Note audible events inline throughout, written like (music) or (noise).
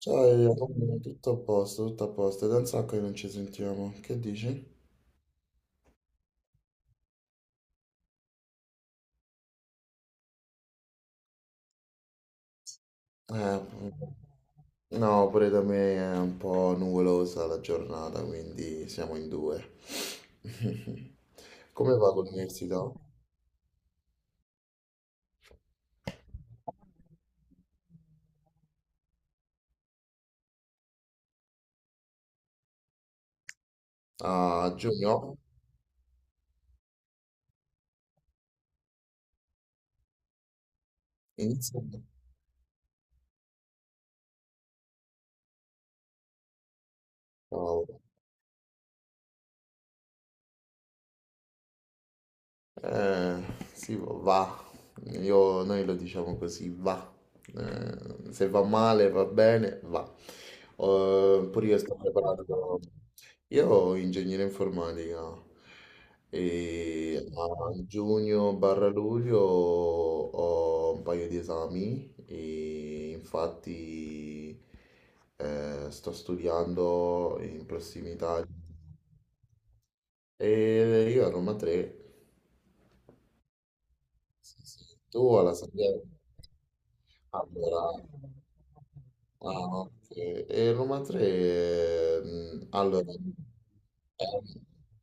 Ciao, Elia, tutto a posto, tutto a posto. È da un sacco che non ci sentiamo. Che dici? Eh, no, pure da me è un po' nuvolosa la giornata, quindi siamo in due. (laughs) Come va con l'università? A giugno? Inizia? Eh, sì, va. Noi lo diciamo così, va. Se va male, va bene, va. Pure io sto preparando. Io ho ingegneria informatica e a giugno barra luglio ho un paio di esami e infatti sto studiando in prossimità. E io a Roma 3. Sì, sì. Tu alla Sandiego? Allora, ah, ok. E Roma 3, allora,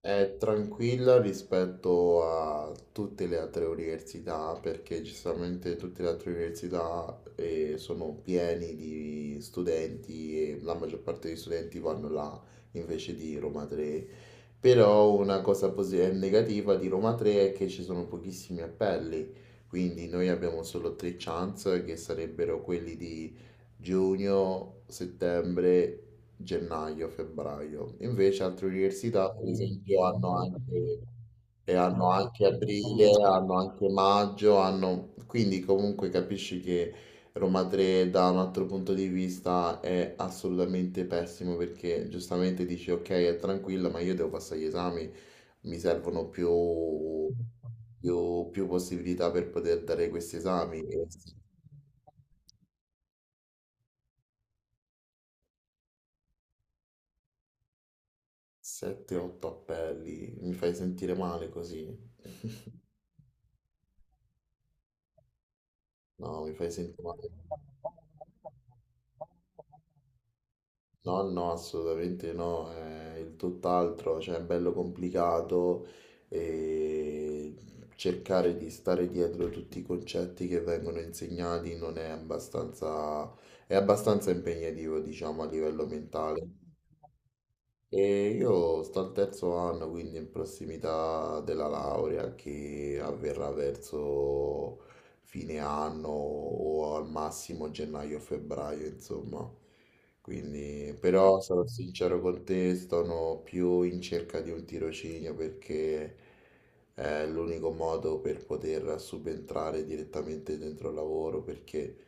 è, è tranquilla rispetto a tutte le altre università, perché giustamente tutte le altre università sono pieni di studenti e la maggior parte degli studenti vanno là invece di Roma 3. Però una negativa di Roma 3 è che ci sono pochissimi appelli, quindi noi abbiamo solo tre chance che sarebbero quelli di giugno, settembre, gennaio, febbraio. Invece altre università, per esempio, hanno anche, e hanno anche aprile, hanno anche maggio, hanno quindi comunque capisci che Roma 3 da un altro punto di vista è assolutamente pessimo perché giustamente dici ok è tranquilla ma io devo passare gli esami, mi servono più possibilità per poter dare questi esami. 7-8 appelli, mi fai sentire male così? No, mi fai sentire male. No, no, assolutamente no, è il tutt'altro, cioè è bello complicato e cercare di stare dietro tutti i concetti che vengono insegnati non è abbastanza, è abbastanza impegnativo, diciamo, a livello mentale. E io sto al terzo anno, quindi in prossimità della laurea che avverrà verso fine anno o al massimo gennaio o febbraio, insomma. Quindi, però sarò sincero con te, sono più in cerca di un tirocinio perché è l'unico modo per poter subentrare direttamente dentro il lavoro, perché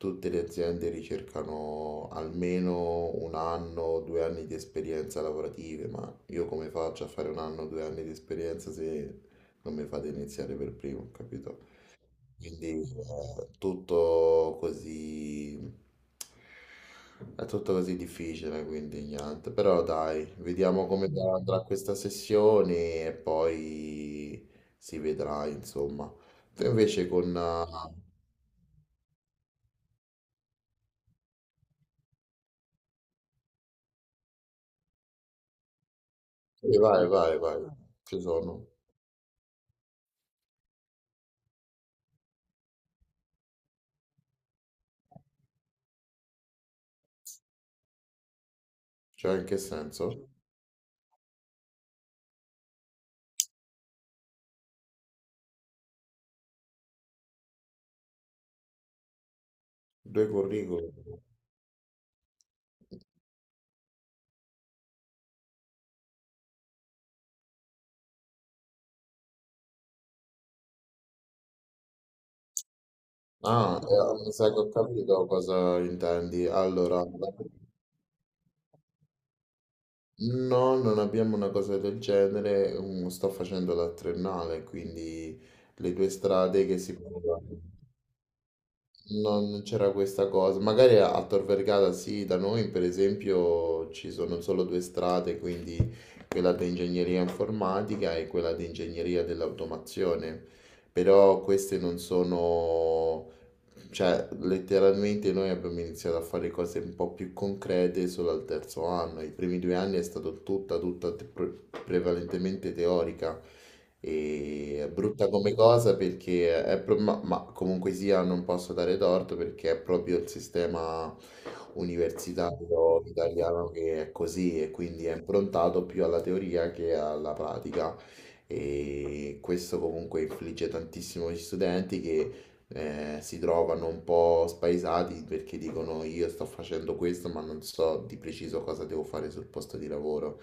tutte le aziende ricercano almeno un anno o due anni di esperienza lavorative, ma io come faccio a fare un anno o due anni di esperienza se non mi fate iniziare per primo, capito? Quindi è tutto così difficile, quindi niente. Però dai, vediamo come andrà questa sessione e poi si vedrà, insomma. Tu invece con... Vai, vai, vai, ci sono. Cioè, in che senso? Due curriculum. Ah, mi sa che ho capito cosa intendi. Allora, no, non abbiamo una cosa del genere. Sto facendo la triennale, quindi le due strade che si potevano Non c'era questa cosa. Magari a Tor Vergata sì, da noi per esempio ci sono solo due strade, quindi quella di ingegneria informatica e quella di ingegneria dell'automazione. Però queste non sono cioè, letteralmente noi abbiamo iniziato a fare cose un po' più concrete solo al terzo anno. I primi due anni è stato prevalentemente teorica. È brutta come cosa perché è ma comunque sia non posso dare torto perché è proprio il sistema universitario italiano che è così e quindi è improntato più alla teoria che alla pratica. E questo comunque infligge tantissimo agli studenti che si trovano un po' spaesati perché dicono io sto facendo questo ma non so di preciso cosa devo fare sul posto di lavoro.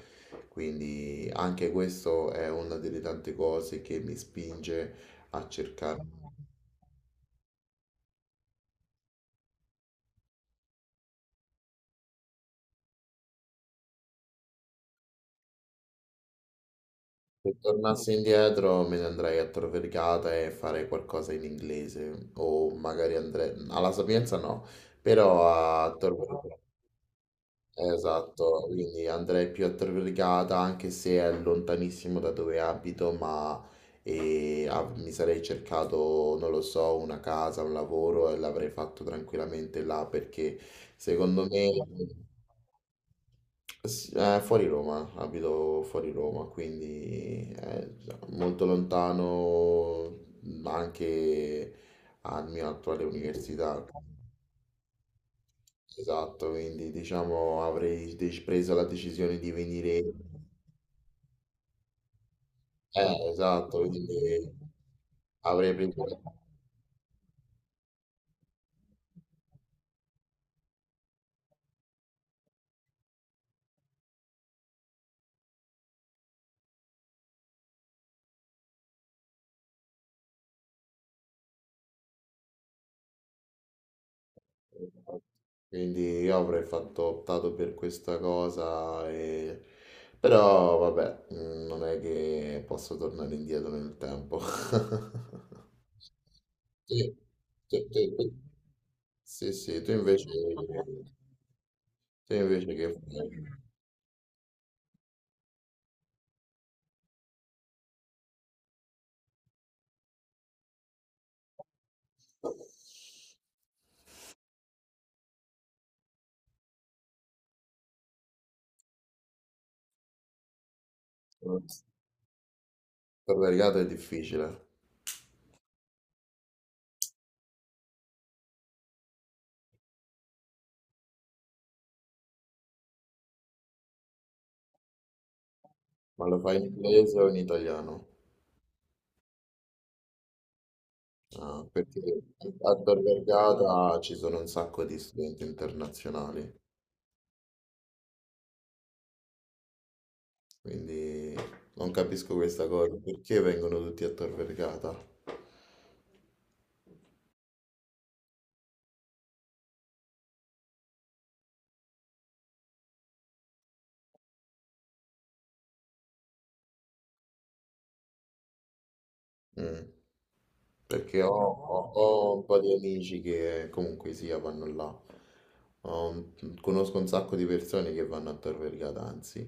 Quindi anche questo è una delle tante cose che mi spinge a cercare. Se tornassi indietro me ne andrei a Tor Vergata e farei qualcosa in inglese o magari andrei alla Sapienza no, però a Tor Vergata. Esatto, quindi andrei più a Torregata anche se è lontanissimo da dove abito, ma mi sarei cercato, non lo so, una casa, un lavoro e l'avrei fatto tranquillamente là perché secondo me sì, fuori Roma, abito fuori Roma, quindi molto lontano ma anche alla mia attuale università. Esatto, quindi diciamo preso la decisione di venire... esatto, quindi avrei preso... Quindi io avrei fatto, optato per questa cosa, e... però vabbè, non è che posso tornare indietro nel tempo. (laughs) Sì, sì, sì, sì. Sì, sì, tu invece che fai? Per la regata è difficile, ma lo fai in inglese o in italiano? Ah, perché a Tor Vergata ci sono un sacco di studenti internazionali, quindi non capisco questa cosa, perché vengono tutti a Tor Vergata? Mm, perché ho un po' di amici che comunque sia vanno là. Conosco un sacco di persone che vanno a Tor Vergata, anzi,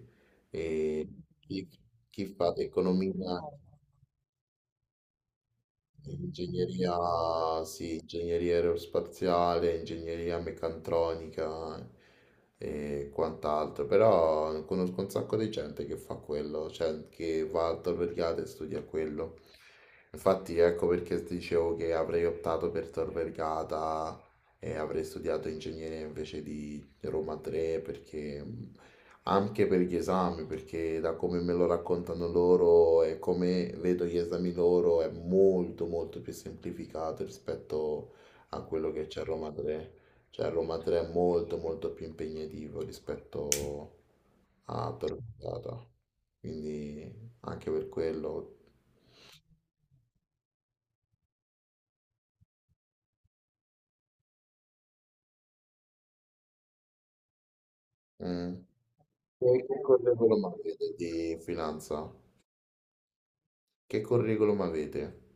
e chi, chi fa economia, ingegneria, sì, ingegneria aerospaziale, ingegneria meccatronica e quant'altro, però conosco un sacco di gente che fa quello, cioè che va al Tor Vergata e studia quello. Infatti ecco perché ti dicevo che avrei optato per Tor Vergata e avrei studiato ingegneria invece di Roma 3 perché anche per gli esami, perché da come me lo raccontano loro e come vedo gli esami loro è molto molto più semplificato rispetto a quello che c'è a Roma 3. Cioè a Roma 3 è molto molto più impegnativo rispetto a Torquemada. Quindi anche per quello. Mm. E che curriculum avete di finanza? Che curriculum avete?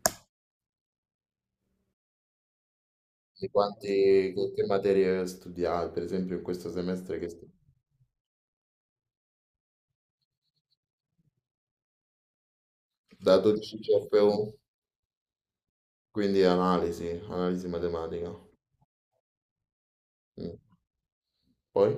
Di quanti, che materie studiate, per esempio in questo semestre che studiate? Da 12 CFU, quindi analisi, analisi matematica. Mm. Poi?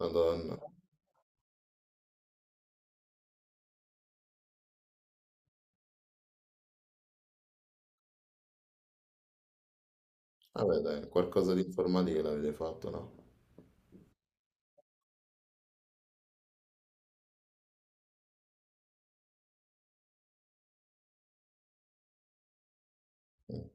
Madonna. Vabbè, dai, qualcosa di informatica l'avete fatto, no? Mm.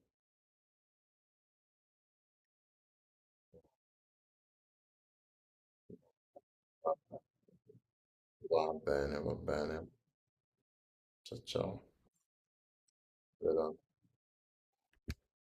Va bene, va bene. Ciao, ciao. Vedremo.